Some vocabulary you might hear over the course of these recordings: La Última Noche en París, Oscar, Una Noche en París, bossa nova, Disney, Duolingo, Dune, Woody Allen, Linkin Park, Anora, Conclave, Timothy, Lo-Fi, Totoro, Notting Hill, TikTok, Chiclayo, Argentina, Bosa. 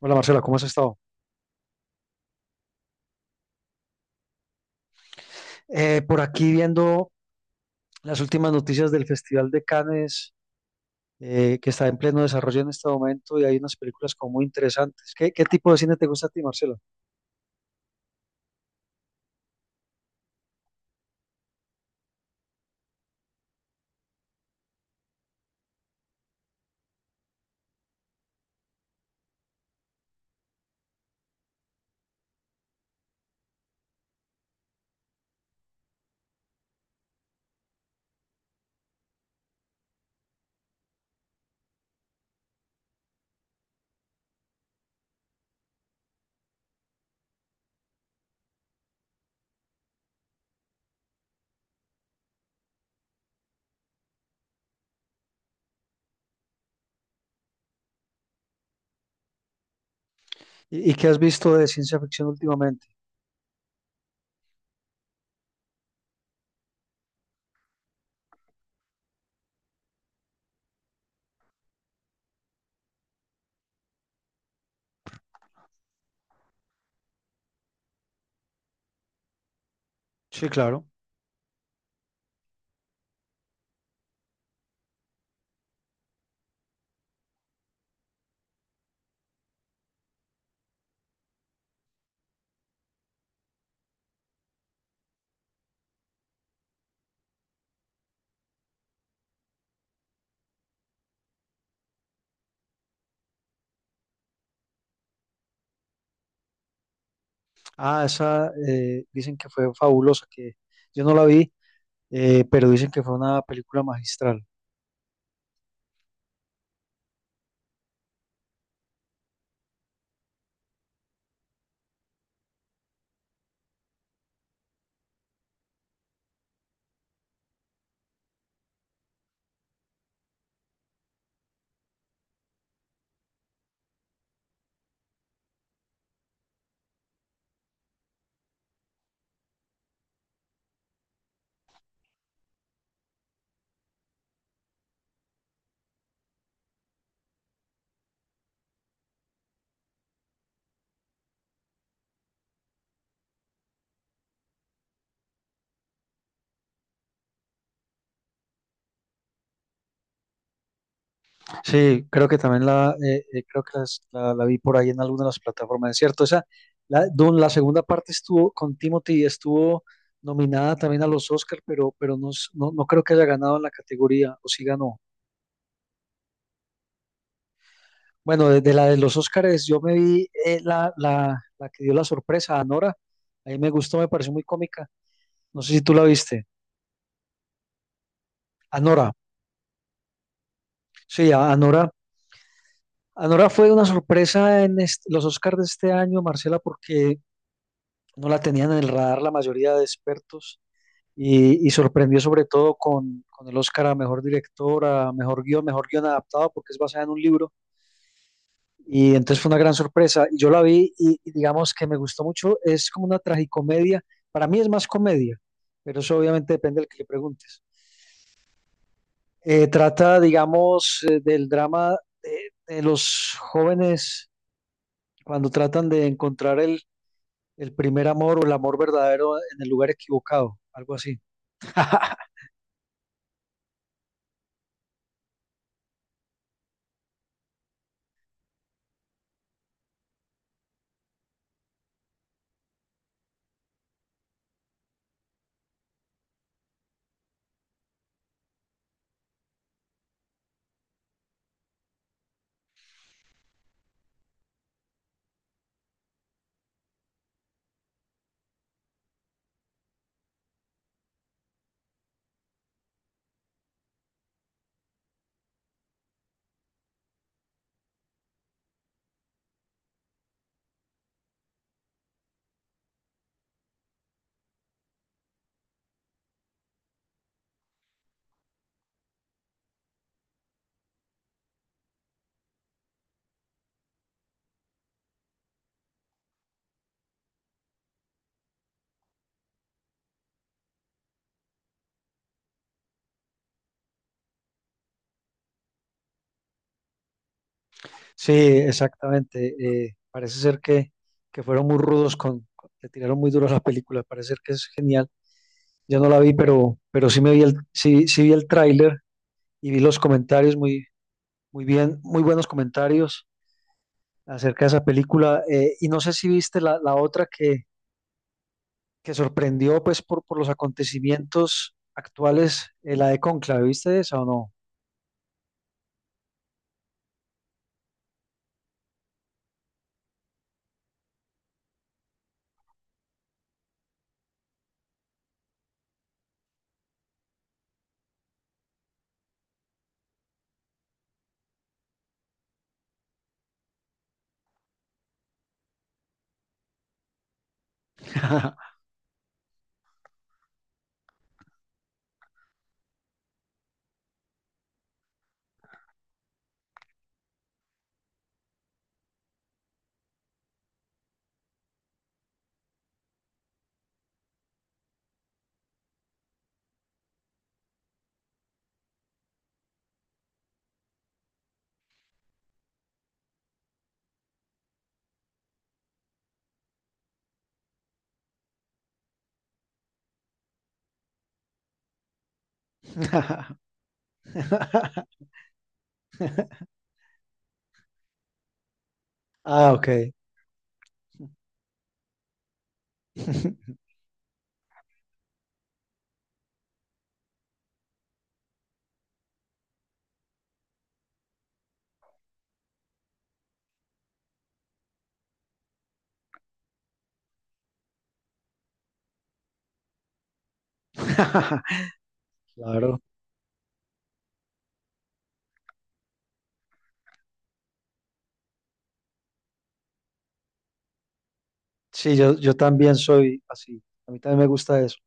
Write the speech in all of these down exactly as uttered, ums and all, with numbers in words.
Hola Marcela, ¿cómo has estado? Eh, por aquí viendo las últimas noticias del Festival de Cannes, eh, que está en pleno desarrollo en este momento y hay unas películas como muy interesantes. ¿Qué, qué tipo de cine te gusta a ti, Marcela? ¿Y, y qué has visto de ciencia ficción últimamente? Sí, claro. Ah, esa, eh, dicen que fue fabulosa, que yo no la vi, eh, pero dicen que fue una película magistral. Sí, creo que también la, eh, eh, creo que las- la, la vi por ahí en alguna de las plataformas, ¿es cierto? Esa, la Dune, la segunda parte estuvo con Timothy, estuvo nominada también a los Oscar, pero, pero no, s- no no creo que haya ganado en la categoría, o sí ganó. Bueno, de, de la de los Oscars, yo me vi eh, la, la, la que dio la sorpresa, Anora. Ahí me gustó, me pareció muy cómica, no sé si tú la viste. Anora, sí, a- Anora. Anora fue una sorpresa en est- los Oscars de este año, Marcela, porque no la tenían en el radar la mayoría de expertos, y, y sorprendió sobre todo con, con el Oscar a Mejor Director, a Mejor Guión, Mejor Guión Adaptado, porque es basada en un libro. Y entonces fue una gran sorpresa. Y yo la vi y, y digamos que me gustó mucho. Es como una tragicomedia. Para mí es más comedia, pero eso obviamente depende del que le preguntes. Eh, trata, digamos, eh, del drama de, de los jóvenes cuando tratan de encontrar el, el primer amor o el amor verdadero en el lugar equivocado, algo así. Sí, exactamente. Eh, parece ser que, que fueron muy rudos con, con- le tiraron muy duro a la película. Parece ser que es genial. Yo no la vi, pero, pero sí me vi el, sí, sí vi el tráiler y vi los comentarios muy, muy bien, muy buenos comentarios acerca de esa película. Eh, y no sé si viste la, la otra que, que sorprendió pues por, por los acontecimientos actuales, eh, la de Conclave. ¿Viste esa o no? Ah, ok. Claro. Sí, yo, yo también soy así. A mí también me gusta eso.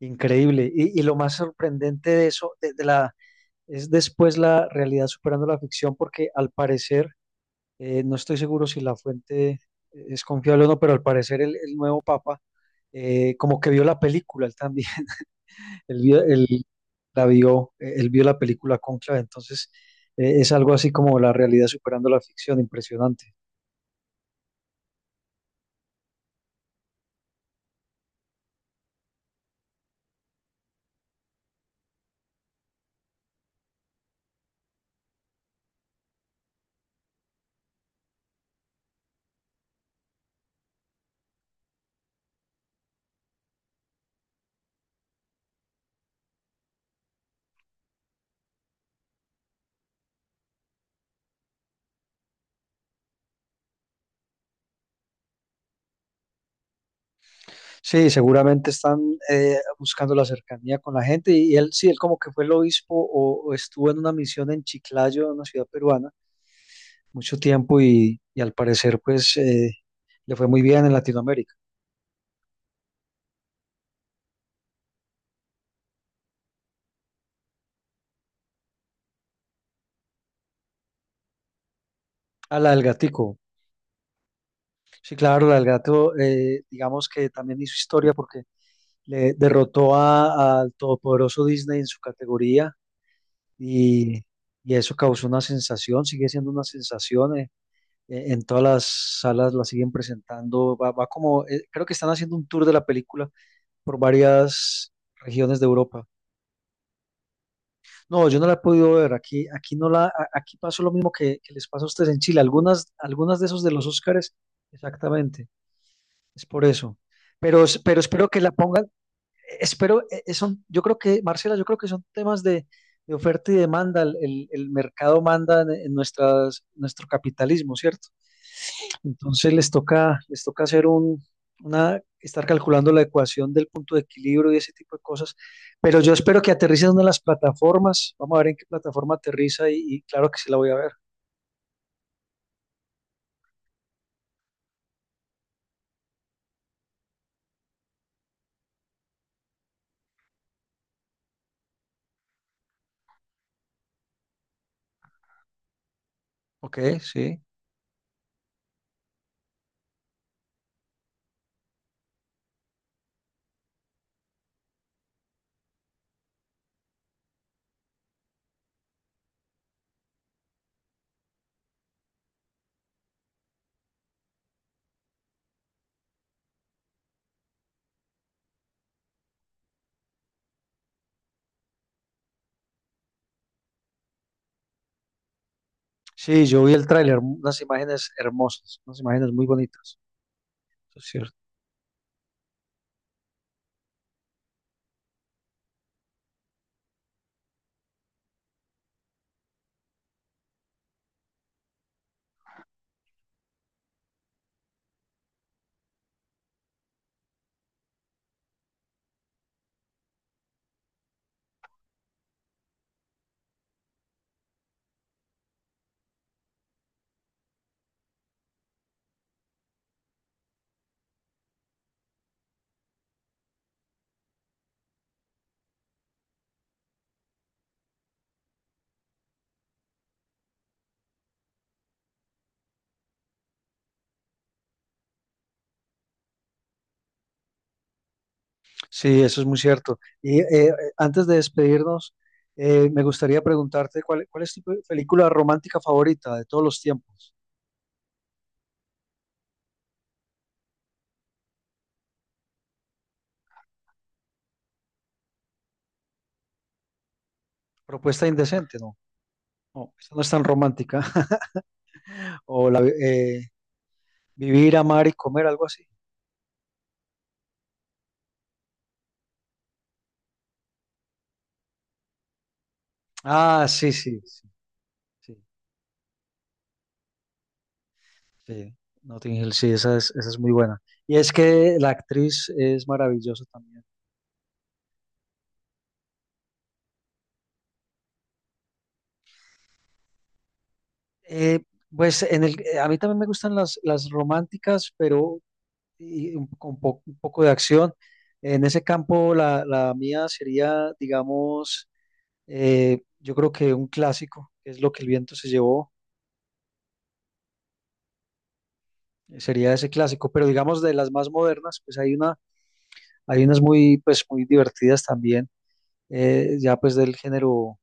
Increíble. Y, y lo más sorprendente de eso, de, de la, es después la realidad superando la ficción, porque al parecer, eh, no estoy seguro si la fuente es confiable o no, pero al parecer el, el nuevo papa eh, como que vio la película, él también. Él vio, él la vio. Eh, él vio la película Cónclave. Entonces, eh, es algo así como la realidad superando la ficción, impresionante. Sí, seguramente están eh, buscando la cercanía con la gente, y él, sí, él como que fue el obispo, o, o estuvo en una misión en Chiclayo, una ciudad peruana, mucho tiempo, y, y al parecer pues eh, le fue muy bien en Latinoamérica. A la del gatico, sí, claro, la del gato, eh, digamos que también hizo historia porque le derrotó a- al todopoderoso Disney en su categoría, y, y eso causó una sensación, sigue siendo una sensación. Eh, eh, en todas las salas la siguen presentando, va, va como, eh, creo que están haciendo un tour de la película por varias regiones de Europa. No, yo no la he podido ver. Aquí, aquí no la, a- aquí pasó lo mismo que, que les pasa a ustedes en Chile, algunas, algunas de esos de los Óscares, exactamente, es por eso. Pero, es- pero espero que la pongan, espero, eh, eh, son, yo creo que, Marcela, yo creo que son temas de, de oferta y demanda. El, el- el mercado manda en, en nuestras, nuestro capitalismo, ¿cierto? Entonces les toca, les toca hacer un, una, estar calculando la ecuación del punto de equilibrio y ese tipo de cosas. Pero yo espero que aterrice en una de las plataformas. Vamos a ver en qué plataforma aterriza, y, y claro que sí la voy a ver. Ok, sí. Sí, yo vi el tráiler, unas imágenes hermosas, unas imágenes muy bonitas. Eso es cierto. Sí, eso es muy cierto. Y eh, antes de despedirnos, eh, me gustaría preguntarte cuál, cuál es tu pe- película romántica favorita de todos los tiempos. Propuesta indecente, ¿no? No, esta no es tan romántica. O la, eh, Vivir, amar y comer, algo así. Ah, sí, sí, sí, sí, sí. Notting Hill, sí, esa es, esa es muy buena. Y es que la actriz es maravillosa también. Eh, pues en el, eh, a mí también me gustan las, las románticas, pero y un- con po- un poco de acción. En ese campo, la, la mía sería, digamos, eh, yo creo que un clásico, que es Lo que el viento se llevó. Eh, sería ese clásico, pero digamos de las más modernas, pues hay una, hay unas muy, pues muy divertidas también. Eh, ya pues del género,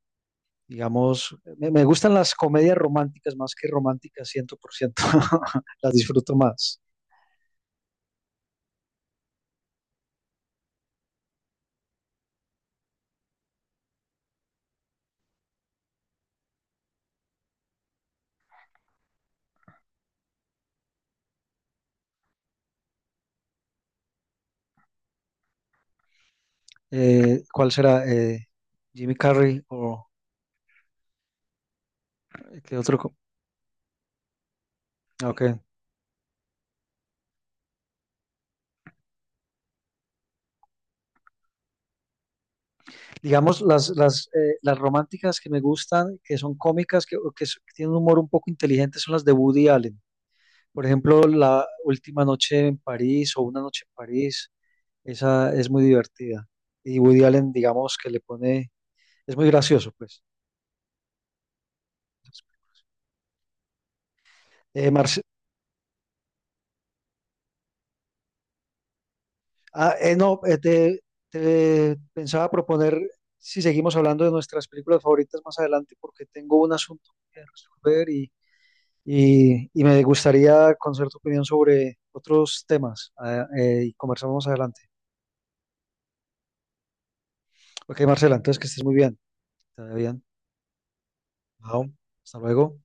digamos, me, me gustan las comedias románticas más que románticas, cien por ciento las disfruto más. Eh, ¿cuál será? Eh, Jimmy Carrey o eh, ¿qué otro? co- ah, Ok. Digamos, las, las, eh, las románticas que me gustan, que son cómicas, que, que s- que tienen un humor un poco inteligente, son las de Woody Allen. Por ejemplo, La Última Noche en París o Una Noche en París, esa es muy divertida. Y Woody Allen, digamos, que le pone, es muy gracioso, pues. Eh, Marce- ah, eh, no, eh, te, te pensaba proponer si seguimos hablando de nuestras películas favoritas más adelante, porque tengo un asunto que resolver. Y Y, y me gustaría conocer tu opinión sobre otros temas, ah, eh, y conversamos más adelante. Ok, Marcela, entonces que estés muy bien. Te vaya bien. Chao. Hasta luego.